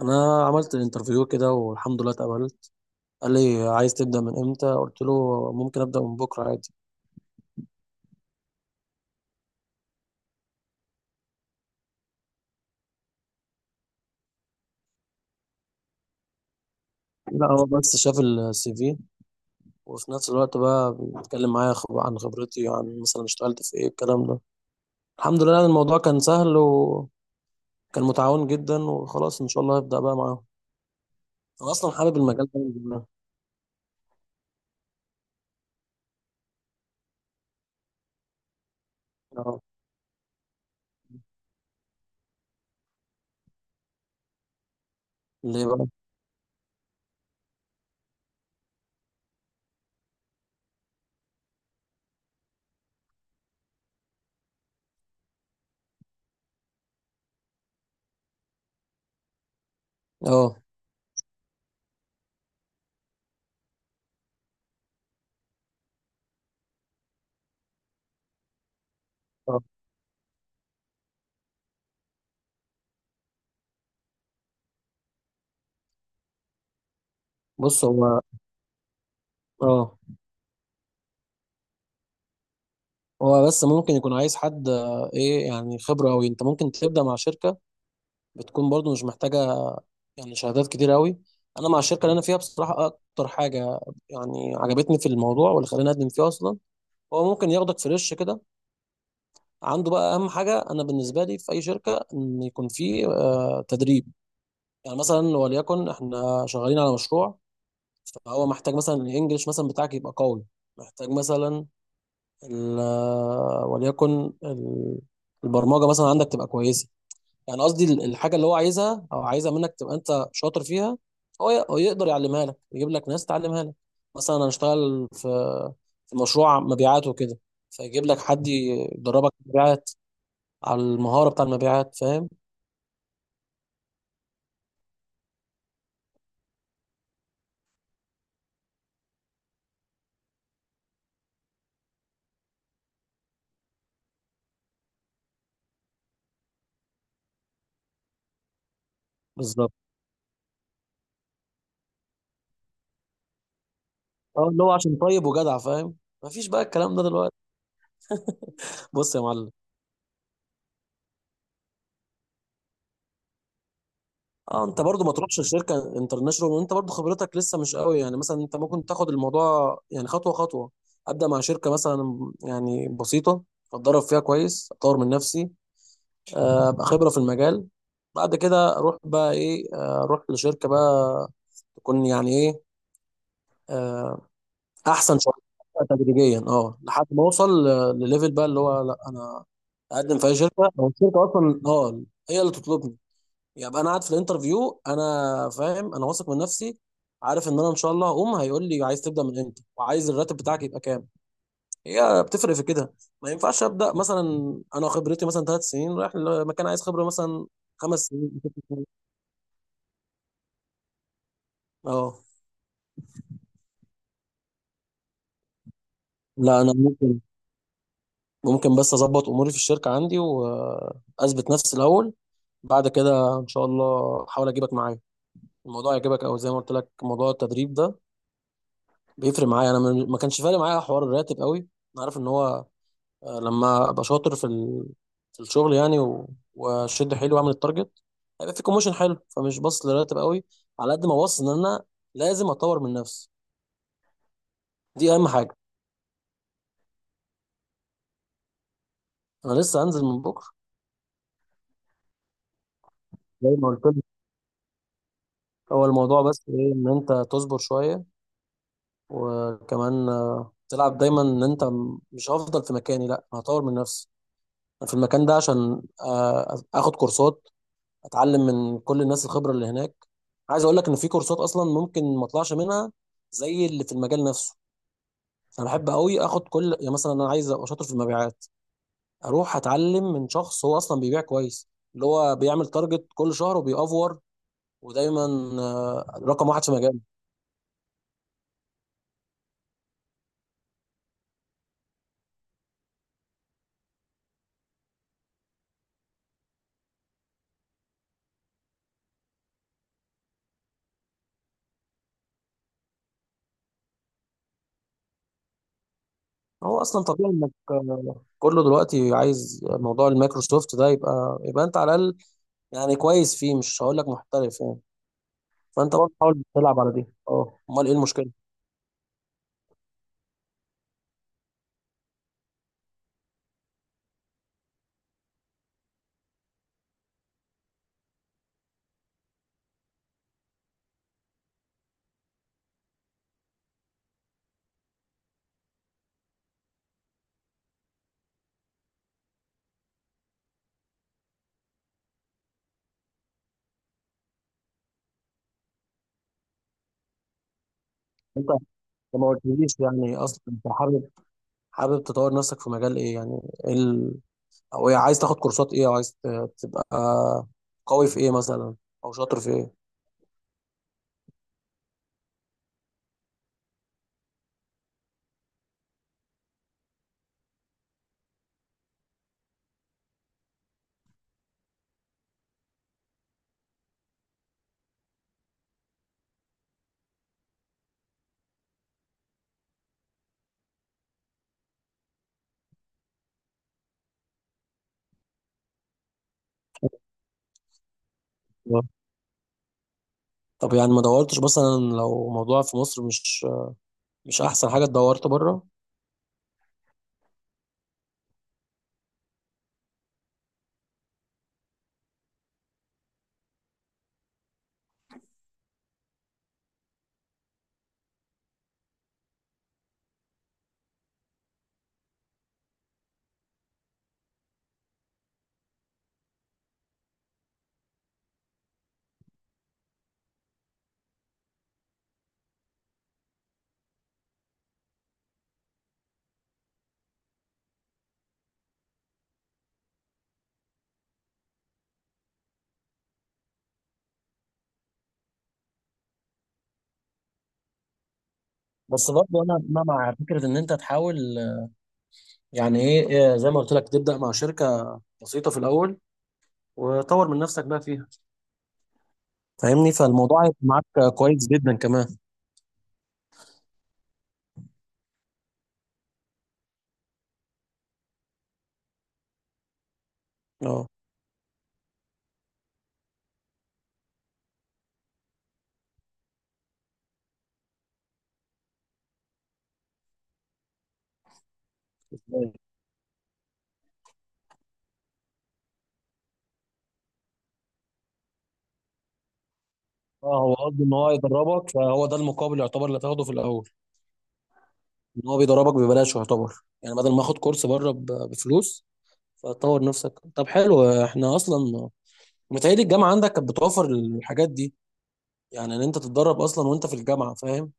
انا عملت الانترفيو كده والحمد لله اتقبلت. قال لي عايز تبدا من امتى؟ قلت له ممكن ابدا من بكره عادي. لا هو بس شاف الـ CV، وفي نفس الوقت بقى بيتكلم معايا عن خبرتي، عن مثلا اشتغلت في ايه الكلام ده. الحمد لله، يعني الموضوع كان سهل وكان متعاون جدا، وخلاص ان شاء الله هبدا بقى معاهم. انا اصلا حابب المجال ده من زمان. اه، ليه بقى؟ اه. آه. بص، هو اه، هو بس ممكن يكون عايز حد ايه، يعني خبره قوي. انت ممكن تبدا مع شركه بتكون برضو مش محتاجه يعني شهادات كتير قوي. انا مع الشركه اللي انا فيها بصراحه، اكتر حاجه يعني عجبتني في الموضوع واللي خلاني اقدم فيه اصلا، هو ممكن ياخدك فريش كده. عنده بقى اهم حاجه انا بالنسبه لي في اي شركه ان يكون فيه تدريب. يعني مثلا وليكن احنا شغالين على مشروع، فهو محتاج مثلا الانجليش مثلا بتاعك يبقى قوي، محتاج مثلا وليكن البرمجه مثلا عندك تبقى كويسه. يعني قصدي الحاجه اللي هو عايزها او عايزها منك تبقى انت شاطر فيها. هو يقدر يعلمها لك، يجيب لك ناس تعلمها لك. مثلا انا اشتغل في مشروع مبيعات وكده، فيجيب لك حد يدربك مبيعات على المهاره بتاع المبيعات. فاهم؟ بالظبط. اه اللي هو عشان طيب وجدع، فاهم؟ مفيش بقى الكلام ده دلوقتي. بص يا معلم. اه، انت برضو ما تروحش لشركه انترناشونال وانت برضو خبرتك لسه مش قوي، يعني مثلا انت ممكن تاخد الموضوع يعني خطوه خطوه. ابدا مع شركه مثلا يعني بسيطه، اتدرب فيها كويس، اطور من نفسي، ابقى خبره في المجال. بعد كده اروح بقى ايه، اروح لشركه بقى تكون يعني ايه، آه، احسن شويه. تدريجيا اه، لحد ما اوصل لليفل بقى اللي هو، لا، انا اقدم في اي شركه او الشركه اصلا اه هي اللي تطلبني. يبقى انا قاعد في الانترفيو، انا فاهم، انا واثق من نفسي، عارف ان انا ان شاء الله هقوم هيقول لي عايز تبدا من امتى وعايز الراتب بتاعك يبقى كام. هي بتفرق في كده. ما ينفعش ابدا مثلا انا خبرتي مثلا 3 سنين رايح لمكان عايز خبره مثلا 5 سنين. اه. لا، انا ممكن، بس اظبط اموري في الشركه عندي واثبت نفسي الاول. بعد كده ان شاء الله احاول اجيبك معايا الموضوع يعجبك، او زي ما قلت لك موضوع التدريب ده بيفرق معايا. انا ما كانش فارق معايا حوار الراتب قوي. انا عارف ان هو لما ابقى شاطر في ال... في الشغل يعني، و... واشد حيلي واعمل التارجت، هيبقى في كوموشن حلو، فمش باصص للراتب قوي على قد ما باصص ان انا لازم اطور من نفسي. دي اهم حاجه. انا لسه هنزل من بكره، زي ما قلت لك. هو الموضوع بس ايه ان انت تصبر شويه، وكمان تلعب دايما ان انت مش هفضل في مكاني، لا، أنا هطور من نفسي. انا في المكان ده عشان اخد كورسات، اتعلم من كل الناس الخبره اللي هناك. عايز اقول لك ان في كورسات اصلا ممكن ما اطلعش منها، زي اللي في المجال نفسه. انا بحب قوي اخد كل، يعني مثلا انا عايز ابقى شاطر في المبيعات، اروح اتعلم من شخص هو اصلا بيبيع كويس، اللي هو بيعمل تارجت كل شهر وبيأفور، ودايما رقم واحد في مجاله. هو اصلا طبيعي انك كله دلوقتي عايز موضوع المايكروسوفت ده، يبقى انت على الاقل يعني كويس فيه، مش هقول لك محترف يعني. فانت برضه حاول تلعب على دي. اه، امال ايه المشكله. انت ما قلتليش يعني اصلا انت حابب، تطور نفسك في مجال ايه يعني؟ إيه ال...؟ او إيه عايز تاخد كورسات ايه، او عايز تبقى قوي في ايه مثلا، او شاطر في ايه؟ آه. طب يعني ما دورتش مثلا، لو موضوع في مصر، مش احسن حاجه دورت بره؟ بس برضه انا، مع فكره ان انت تحاول. يعني ايه، إيه، زي ما قلت لك تبدا مع شركه بسيطه في الاول، وطور من نفسك بقى فيها فاهمني. فالموضوع هيبقى معاك كويس جدا كمان. اه. اه، هو قصده ان هو يدربك، فهو ده المقابل يعتبر اللي هتاخده في الاول، ان هو بيدربك ببلاش يعتبر، يعني بدل ما اخد كورس بره بفلوس، فتطور نفسك. طب حلو، احنا اصلا متهيألي الجامعه عندك كانت بتوفر الحاجات دي، يعني ان انت تتدرب اصلا وانت في الجامعه، فاهم؟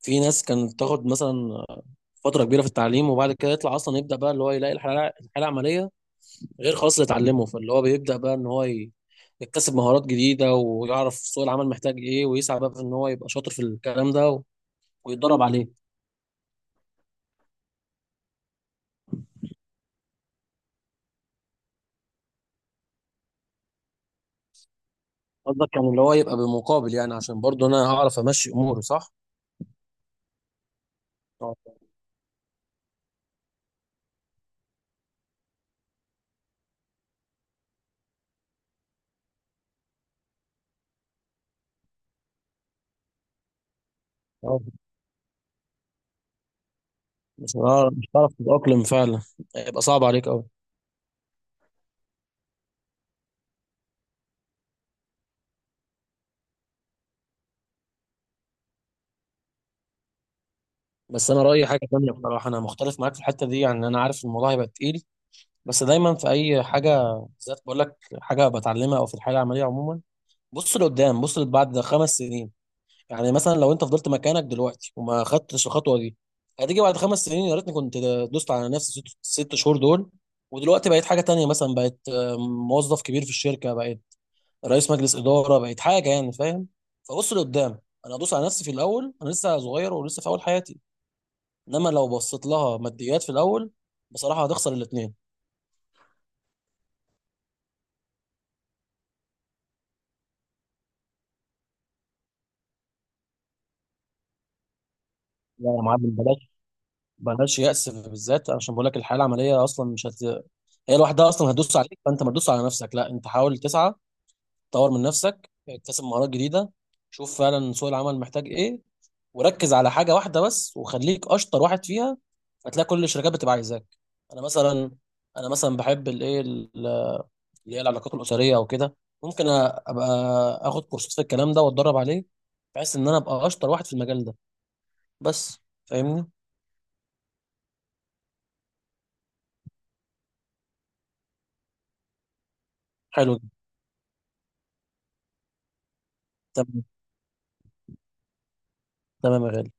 في ناس كانت تاخد مثلا فتره كبيره في التعليم، وبعد كده يطلع اصلا يبدا بقى اللي هو يلاقي الحاله العمليه غير خالص اللي اتعلمه، فاللي هو بيبدا بقى ان هو يكتسب مهارات جديده ويعرف سوق العمل محتاج ايه، ويسعى بقى في ان هو يبقى شاطر في الكلام ده ويتدرب عليه. قصدك كان اللي هو يبقى بمقابل، يعني عشان برضه انا هعرف امشي اموري، صح؟ اه. آه. مش هعرف تتأقلم فعلا، هيبقى صعب عليك قوي. بس انا رأيي حاجة تانية بصراحة، انا مختلف معاك في الحتة دي. يعني انا عارف الموضوع هيبقى تقيل، بس دايما في اي حاجة بالذات بقول لك، حاجة بتعلمها او في الحياة العملية عموما، بص لقدام، بص بعد 5 سنين. يعني مثلا لو انت فضلت مكانك دلوقتي وما خدتش الخطوه دي، هتيجي بعد 5 سنين يا ريتني كنت دوست على نفسي 6 شهور دول، ودلوقتي بقيت حاجه تانية، مثلا بقيت موظف كبير في الشركه، بقيت رئيس مجلس اداره، بقيت حاجه يعني فاهم. فبص لقدام، انا ادوس على نفسي في الاول، انا لسه صغير ولسه في اول حياتي. انما لو بصيت لها ماديات في الاول، بصراحه هتخسر الاثنين. لا يا معلم بلاش، بلاش يأس. بالذات عشان بقول لك الحياه العمليه اصلا مش هت... هي لوحدها اصلا هتدوس عليك، فانت ما تدوس على نفسك، لا، انت حاول تسعى، طور من نفسك، اكتسب مهارات جديده، شوف فعلا سوق العمل محتاج ايه، وركز على حاجه واحده بس، وخليك اشطر واحد فيها، هتلاقي كل الشركات بتبقى عايزاك. انا مثلا انا مثلا بحب الايه اللي هي العلاقات الاسريه او كده، ممكن ابقى اخد كورسات في الكلام ده واتدرب عليه، بحيث ان انا ابقى اشطر واحد في المجال ده بس، فاهمني؟ حلو جدا. تمام، تمام يا غالي.